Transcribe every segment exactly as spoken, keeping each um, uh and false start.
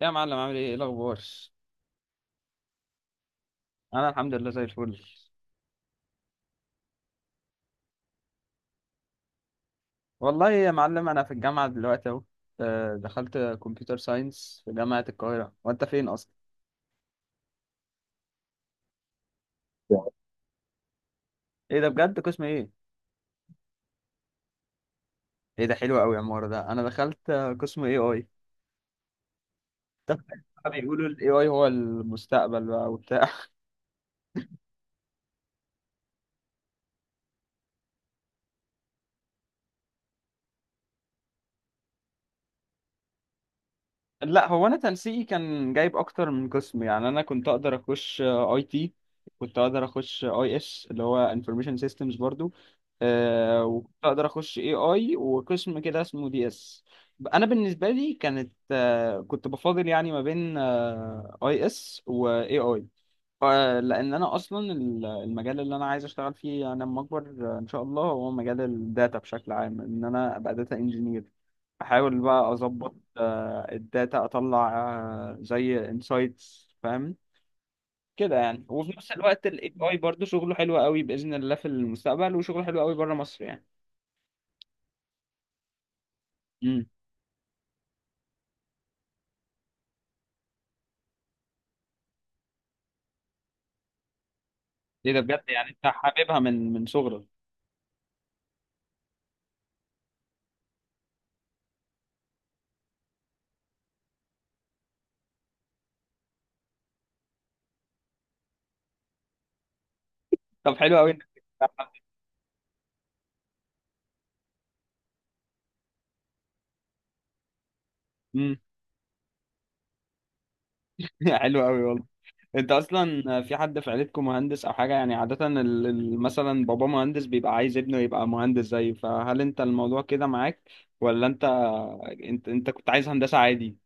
يا معلم، عامل ايه؟ ايه الاخبار؟ انا الحمد لله زي الفل. والله يا معلم، انا في الجامعه دلوقتي اهو. آه، دخلت كمبيوتر ساينس في جامعه القاهره. وانت فين اصلا؟ ايه ده بجد، قسم ايه؟ ايه ده حلو قوي يا عمار. ده انا دخلت آه، قسم اي اي. بيقولوا الاي اي هو المستقبل بقى وبتاع. لا، هو انا تنسيقي كان جايب اكتر من قسم. يعني انا كنت اقدر اخش اي تي، كنت اقدر اخش اي اس اللي هو انفورميشن سيستمز برضو، آه وكنت اقدر اخش اي اي، وقسم كده اسمه دي اس. انا بالنسبه لي كانت، آه كنت بفاضل يعني ما بين اي اس واي اي. لان انا اصلا ال- المجال اللي انا عايز اشتغل فيه انا لما اكبر، آه، ان شاء الله، هو مجال الداتا بشكل عام. ان انا ابقى داتا انجينير، احاول بقى اظبط آه، الداتا، اطلع آه، زي انسايتس، فاهم كده يعني. وفي نفس الوقت الاي اي برضه شغله حلو قوي باذن الله في المستقبل، وشغله حلو قوي بره مصر يعني. امم. ايه ده بجد؟ يعني انت حاببها من من صغرك؟ طب حلو قوي انك. امم. حلو قوي والله. انت اصلا في حد في عيلتكم مهندس او حاجه؟ يعني عاده ال- ال- مثلا بابا مهندس بيبقى عايز ابنه يبقى مهندس زيه، فهل انت الموضوع كده معاك؟ ولا انت، انت انت كنت عايز هندسه عادي؟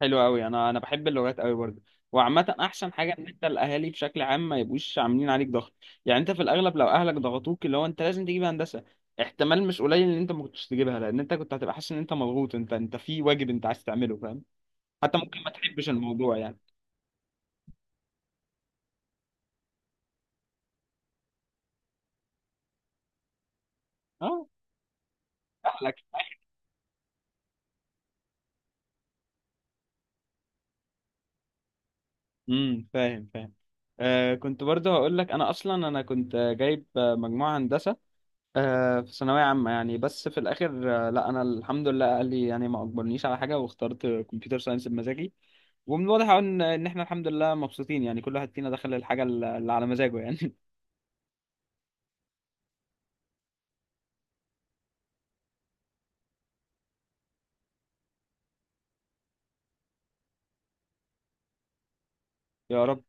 حلو قوي. انا انا بحب اللغات قوي برضه. وعامه احسن حاجه ان انت الاهالي بشكل عام ما يبقوش عاملين عليك ضغط. يعني انت في الاغلب لو اهلك ضغطوك اللي هو انت لازم تجيب هندسه، احتمال مش قليل ان انت ما كنتش تجيبها، لان انت كنت هتبقى حاسس ان انت مضغوط، انت انت في واجب انت عايز تعمله، فاهم؟ حتى ممكن ما تحبش الموضوع يعني. اه، اهلك. امم، فاهم فاهم. آه كنت برضه هقول لك، انا اصلا انا كنت جايب مجموعه هندسه آه، في ثانوية عامة يعني. بس في الآخر، آه، لا، أنا الحمد لله أهلي يعني ما أجبرنيش على حاجة، واخترت كمبيوتر ساينس بمزاجي. ومن الواضح أوي إن إن إحنا الحمد لله مبسوطين، يعني كل واحد فينا دخل الحاجة اللي على مزاجه يعني. يا رب.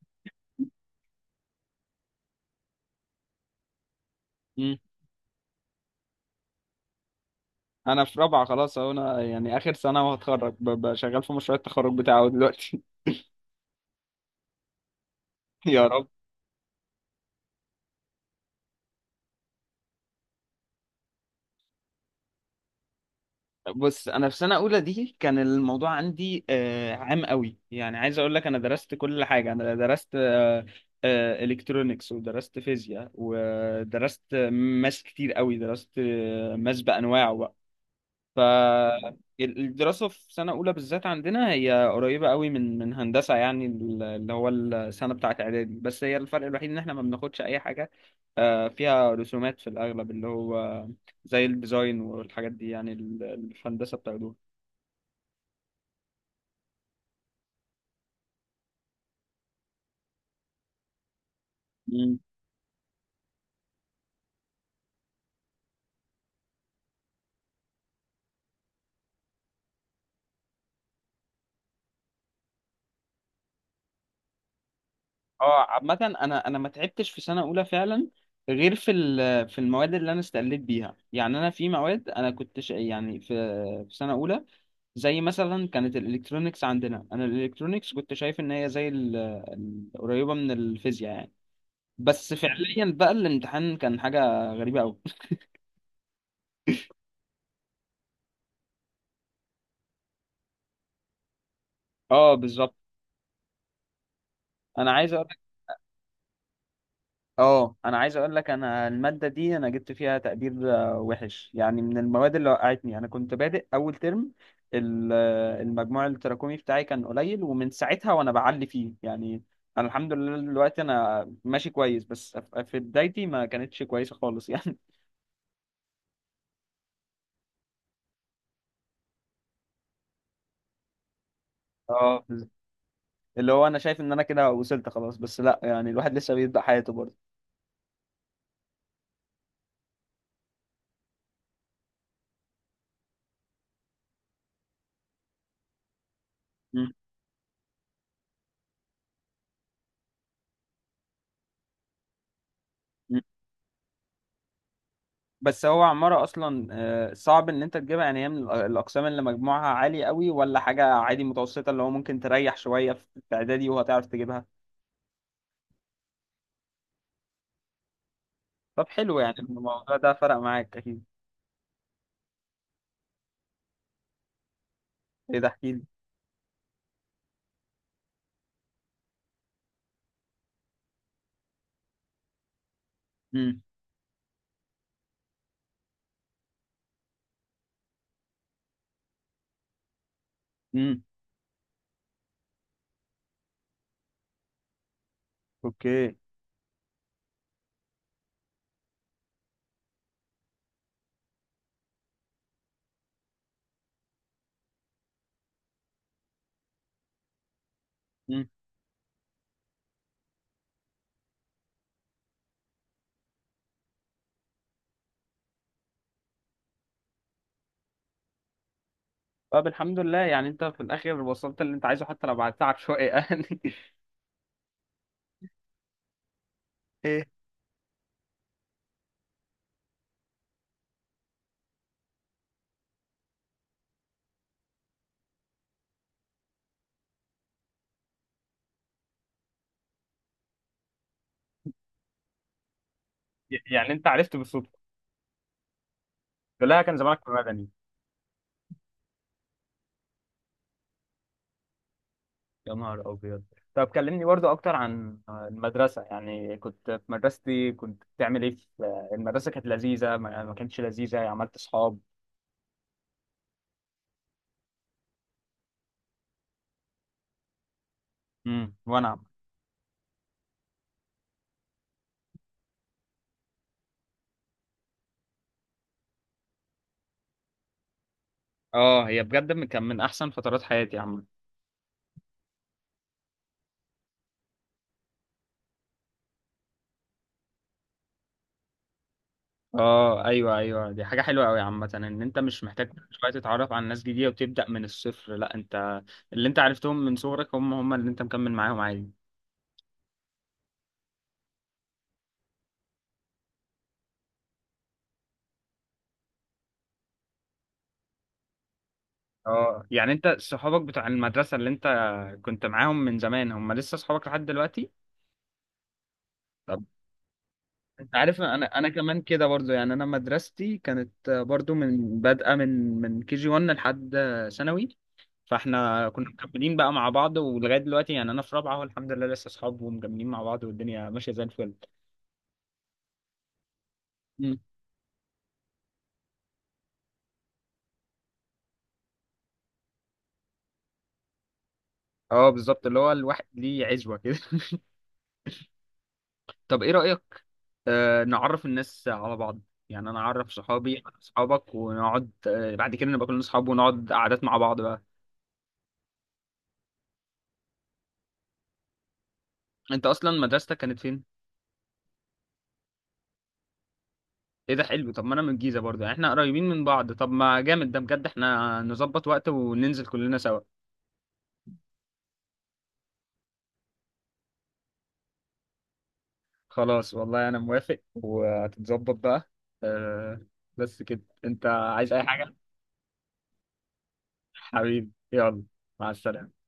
مم. أنا في رابعة خلاص أهو، أنا يعني آخر سنة وهتخرج، ب- ب- شغال في مشروع التخرج بتاعه دلوقتي. يا رب. بص، انا في سنه اولى دي كان الموضوع عندي آه، عام قوي. يعني عايز اقول لك، انا درست كل حاجه. انا درست الكترونكس ودرست فيزياء ودرست ماس كتير قوي، درست آه، ماس بانواعه. فالدراسة في سنة أولى بالذات عندنا هي قريبة قوي من من هندسة، يعني ال- اللي هو السنة بتاعة إعدادي. بس هي الفرق الوحيد إن إحنا ما بناخدش أي حاجة آه، فيها رسومات في الأغلب، اللي هو زي الديزاين والحاجات دي، يعني ال- اللي في هندسة بتاخدوها. مم. اه عامة، أنا أنا ما تعبتش في سنة أولى فعلا، غير في ال- في المواد اللي أنا استقليت بيها. يعني أنا في مواد أنا كنت شا- يعني في في سنة أولى، زي مثلا كانت الالكترونيكس عندنا. انا الالكترونيكس كنت شايف ان هي زي ال- ال- قريبه من الفيزياء يعني. بس فعليا بقى الامتحان كان حاجه غريبه قوي. اه بالظبط. انا عايز اقول لك اه انا عايز اقول لك، انا الماده دي انا جبت فيها تقدير آه، وحش، يعني من المواد اللي وقعتني. انا كنت بادئ اول ترم، ال- آه، المجموع التراكمي بتاعي كان قليل، ومن ساعتها وانا بعلي فيه يعني. انا الحمد لله دلوقتي انا ماشي كويس، بس في في بدايتي ما كانتش كويسه خالص يعني. اه، اللي هو انا شايف ان انا كده وصلت خلاص، بس لا، يعني الواحد لسه بيبدأ حياته برضه. مم. مم. بس هو عمارة اصلا آه، صعب ان انت تجيبها. يعني هي من الأ- الاقسام اللي مجموعها عالي قوي، ولا حاجة عادي متوسطة اللي هو ممكن تريح شوية في في اعدادي وهتعرف تجيبها؟ طب حلو، يعني الموضوع ده فرق معاك اكيد. ايه ده، احكي لي. امم. امم. اوكي. امم. طب الحمد لله، يعني انت في الاخر وصلت اللي انت عايزه حتى لو بعد تعب شوية يعني. ايه؟ يعني انت عرفت بالصدفة؟ لا، كان زمانك في مدني. يا نهار أبيض. طب كلمني برضو أكتر عن المدرسة. يعني كنت في مدرستي كنت بتعمل إيه؟ في المدرسة كانت لذيذة ما ما كانتش لذيذة؟ عملت صحاب؟ امم، وأنا. اه، هي بجد من- كان من أحسن فترات حياتي يا عم. اه، ايوه ايوه، دي حاجه حلوه قوي عامه، ان انت مش محتاج كل شويه تتعرف على ناس جديده وتبدا من الصفر. لا، انت اللي انت عرفتهم من صغرك هم هم اللي انت مكمل معاهم عادي. اه، يعني انت صحابك بتوع المدرسه اللي انت كنت معاهم من زمان هم لسه صحابك لحد دلوقتي؟ طب انت عارف، انا انا كمان كده برضو. يعني انا مدرستي كانت برضو من بادئه، من من كي جي ون لحد ثانوي. فاحنا كنا مكملين بقى مع بعض ولغايه دلوقتي، يعني انا في رابعه اهو الحمد لله لسه اصحاب ومكملين مع بعض والدنيا ماشيه زي الفل. مم. اه بالظبط، اللي هو الواحد ليه عزوه كده. طب ايه رايك آه نعرف الناس على بعض؟ يعني انا اعرف صحابي على صحابك، ونقعد آه بعد كده نبقى كلنا صحاب ونقعد قعدات مع بعض بقى. انت اصلا مدرستك كانت فين؟ ايه ده حلو. طب ما انا من الجيزه برضه، يعني احنا قريبين من بعض. طب ما جامد ده بجد، احنا نظبط وقت وننزل كلنا سوا. خلاص والله، انا موافق وهتتظبط بقى. أه. بس كده انت عايز اي حاجه؟ حبيبي يلا، مع السلامه.